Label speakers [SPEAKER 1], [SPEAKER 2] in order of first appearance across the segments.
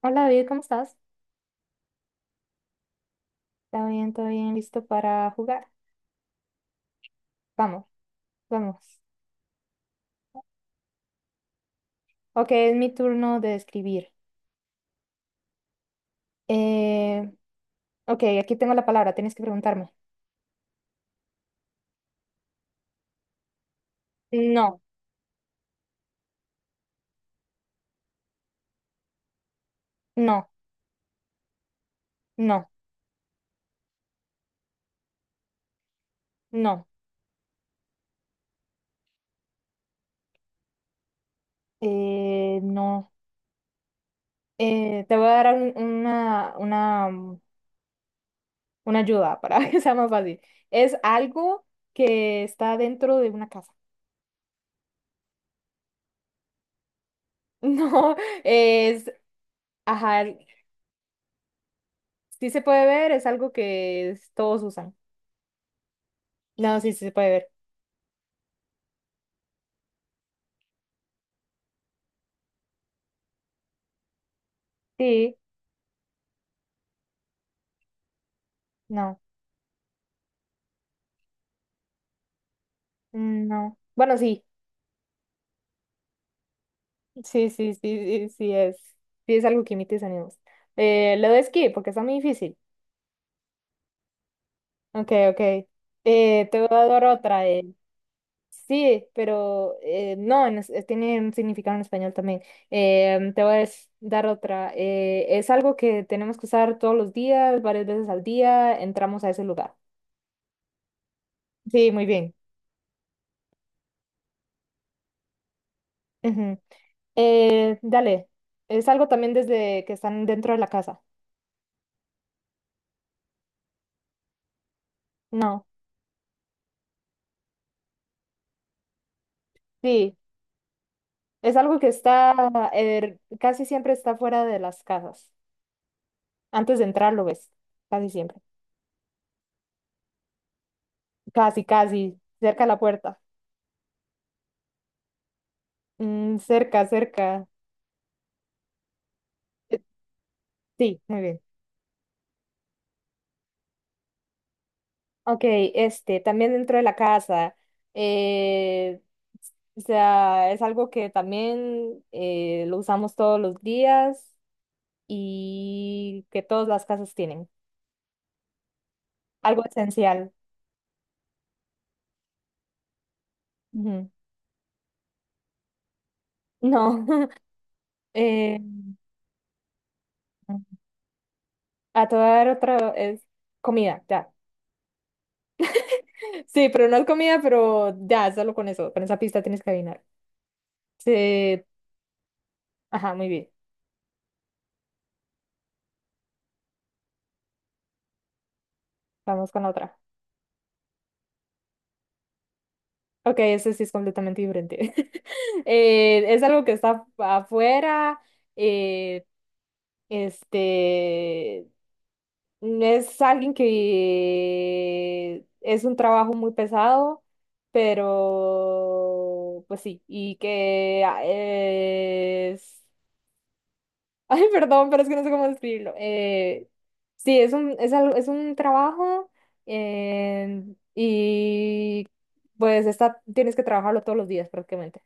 [SPEAKER 1] Hola David, ¿cómo estás? ¿Está bien? ¿Todo bien? ¿Listo para jugar? Vamos, vamos. Ok, es mi turno de escribir. Eh, ok, aquí tengo la palabra, tienes que preguntarme. No, no, no, no, no. Te voy a dar una ayuda para que sea más fácil. Es algo que está dentro de una casa. No, es, ajá, sí se puede ver, es algo que todos usan. No, sí, sí se puede ver. Sí, no. Mm, no. Bueno, sí, sí, sí, sí, sí, sí es. Sí es algo que emite mis ánimos. Lo de esquí, porque está muy difícil. Ok, ok. Te voy a dar otra. Sí, pero no, en tiene un significado en español también. Te voy a dar otra. Es algo que tenemos que usar todos los días, varias veces al día, entramos a ese lugar. Sí, muy bien. Ujú. Dale, es algo también desde que están dentro de la casa. No. Sí. Es algo que está, casi siempre está fuera de las casas. Antes de entrar lo ves, casi siempre. Casi, casi, cerca de la puerta. Mm, cerca, cerca. Eh, Sí, muy bien. Ok, este, también dentro de la casa. eh, o sea, es algo que también lo usamos todos los días y que todas las casas tienen. Algo esencial. Ujú. No. eh, a toda otra es comida, ya. Sí, pero no es comida, pero ya, solo con eso, con esa pista tienes que adivinar. Sí, ajá, muy bien. Vamos con la otra. Ok, ese sí es completamente diferente. Es algo que está afuera. eh, este es alguien que es un trabajo muy pesado, pero pues sí, y que ah, es Ay, perdón, pero es que no sé cómo describirlo. Sí, es algo, es un trabajo eh, y pues está, tienes que trabajarlo todos los días prácticamente.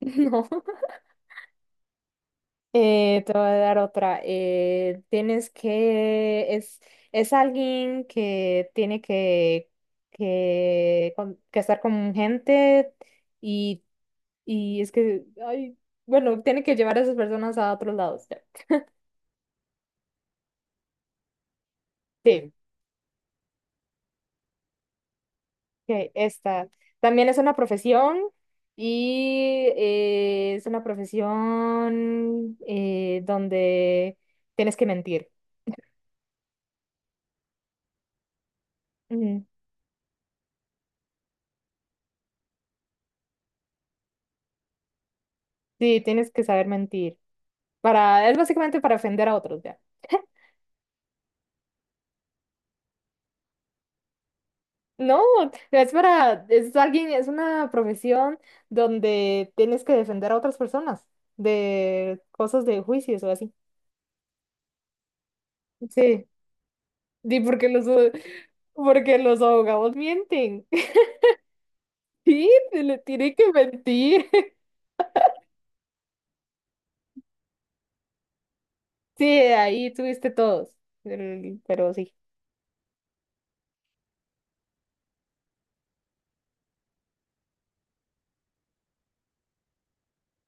[SPEAKER 1] No. Te voy a dar otra. Tienes es alguien que tiene que estar con gente y, y es que, ay, bueno, tiene que llevar a esas personas a otros lados. Ya. Sí. Ok, esta también es una profesión y es una profesión donde tienes que mentir. Ujú. Sí, tienes que saber mentir. Para, es básicamente para ofender a otros, ya. No, es para, es alguien, es una profesión donde tienes que defender a otras personas de cosas de juicios o así. Sí, sí, porque los, porque los abogados mienten. Sí, te le tienen que mentir. Sí, ahí tuviste todos, pero sí.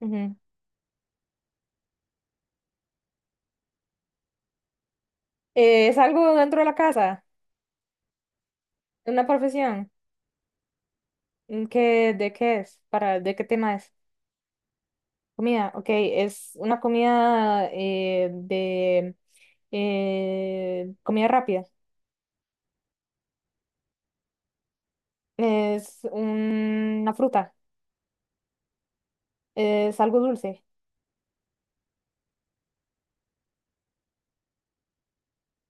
[SPEAKER 1] Ujú. ¿Es algo dentro de la casa? ¿Una profesión? ¿En ¿Qué, de qué es? ¿Para, de qué tema es? Comida, ok, es una comida de comida rápida. Es una fruta, es algo dulce,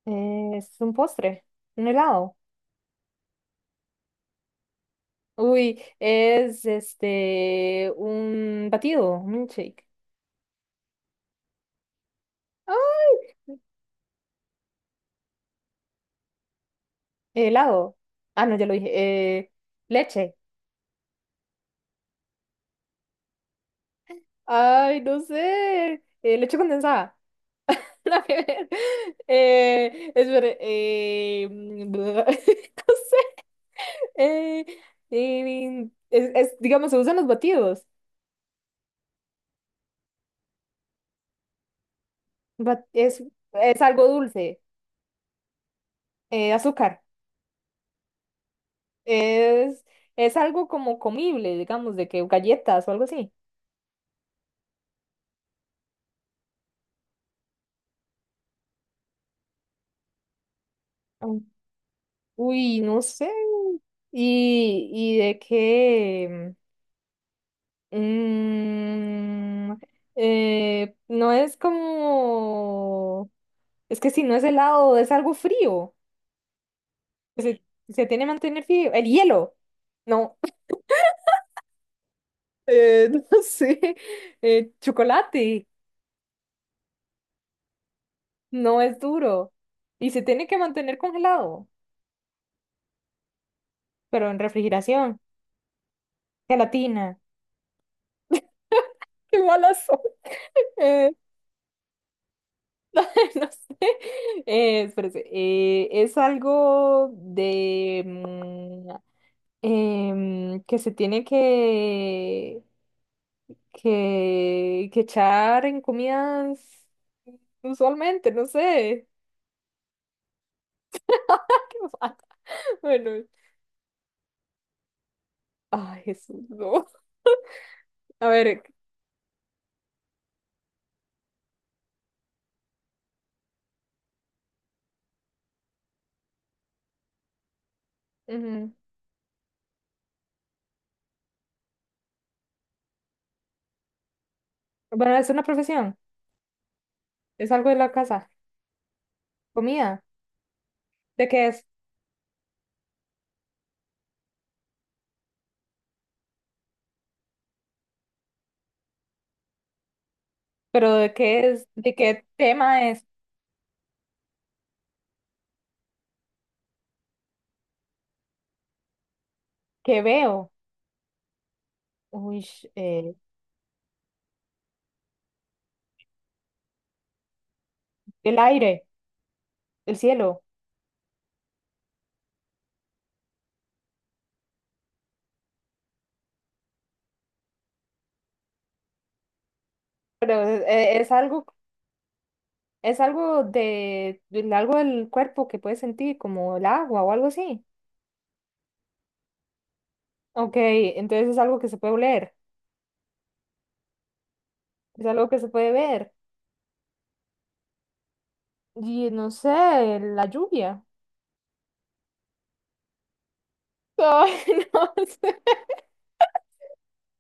[SPEAKER 1] es un postre, un helado. Uy, es este un batido, un milkshake. Helado. Ah, no, ya lo dije. Eh, leche. Ay, no sé. Leche condensada. Nada que ver. Espere, no sé. Eh, es, digamos, se usan los batidos. Ba- es, es algo dulce. Azúcar. Es, es algo como comible, digamos, de que galletas o algo así. Mm. Uy, no sé. Y de qué? Mm, no es como... Es que si no es helado, es algo frío. Se, se tiene que mantener frío. El hielo. No, no sé. Chocolate. No es duro. Y se tiene que mantener congelado, pero en refrigeración. Gelatina. Qué malas son. Eh, no sé. Espérese. Es algo de... que se tiene que echar en comidas usualmente, no sé. ¿Qué me bueno, ay, Jesús, no. A ver, ujú. Bueno, es una profesión, es algo de la casa. Comida, ¿de qué es? Pero ¿de qué es? ¿De qué tema es? ¿Qué veo? Uy, eh, el aire, el cielo. Pero es algo es algo de, algo del cuerpo que puedes sentir, como el agua o algo así. Ok, entonces es algo que se puede oler, es algo que se puede ver. Y no sé, la lluvia. Ay, no sé.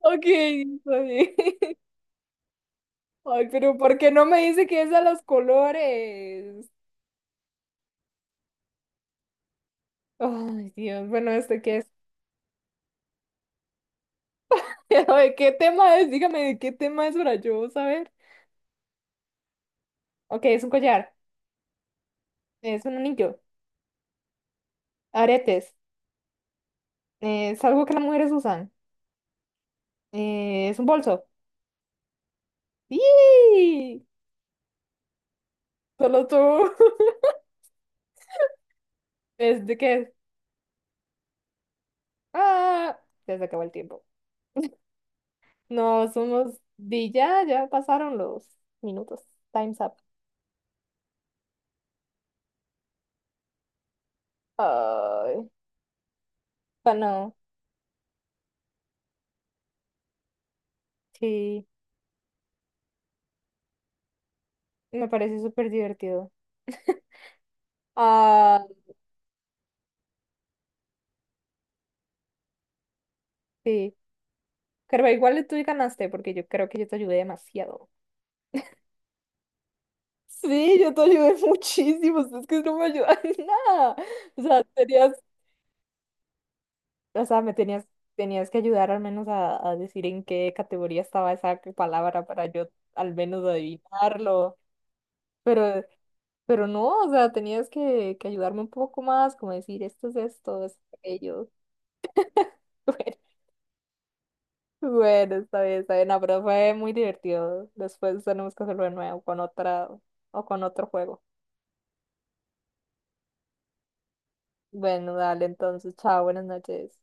[SPEAKER 1] Ok, está bien. Ay, pero ¿por qué no me dice que es a los colores? Ay, Dios, bueno, ¿este qué es? Pero, ¿de qué tema es? Dígame, ¿de qué tema es para yo saber? Ok, es un collar, es un anillo, aretes, es algo que las mujeres usan, es un bolso. ¡Yee! Solo tú. ¿Es de qué? Ah, ya se acabó el tiempo. No, somos di ya, ya pasaron los minutos. Time's up. Ay, pero no, sí, me parece súper divertido. Ah, sí. Pero igual tú ganaste porque yo creo que yo te ayudé demasiado. Sí, yo te ayudé muchísimo. Es que no me ayudan en nada. O sea, serías o sea, me tenías, tenías que ayudar al menos a decir en qué categoría estaba esa palabra para yo al menos adivinarlo. Pero, pero no, o sea, tenías que ayudarme un poco más, como decir esto es esto, esto es aquello. Bueno, bueno, está bien, está bien. No, pero fue muy divertido. Después tenemos que hacerlo de nuevo con otra o con otro juego. Bueno, dale, entonces, chao, buenas noches.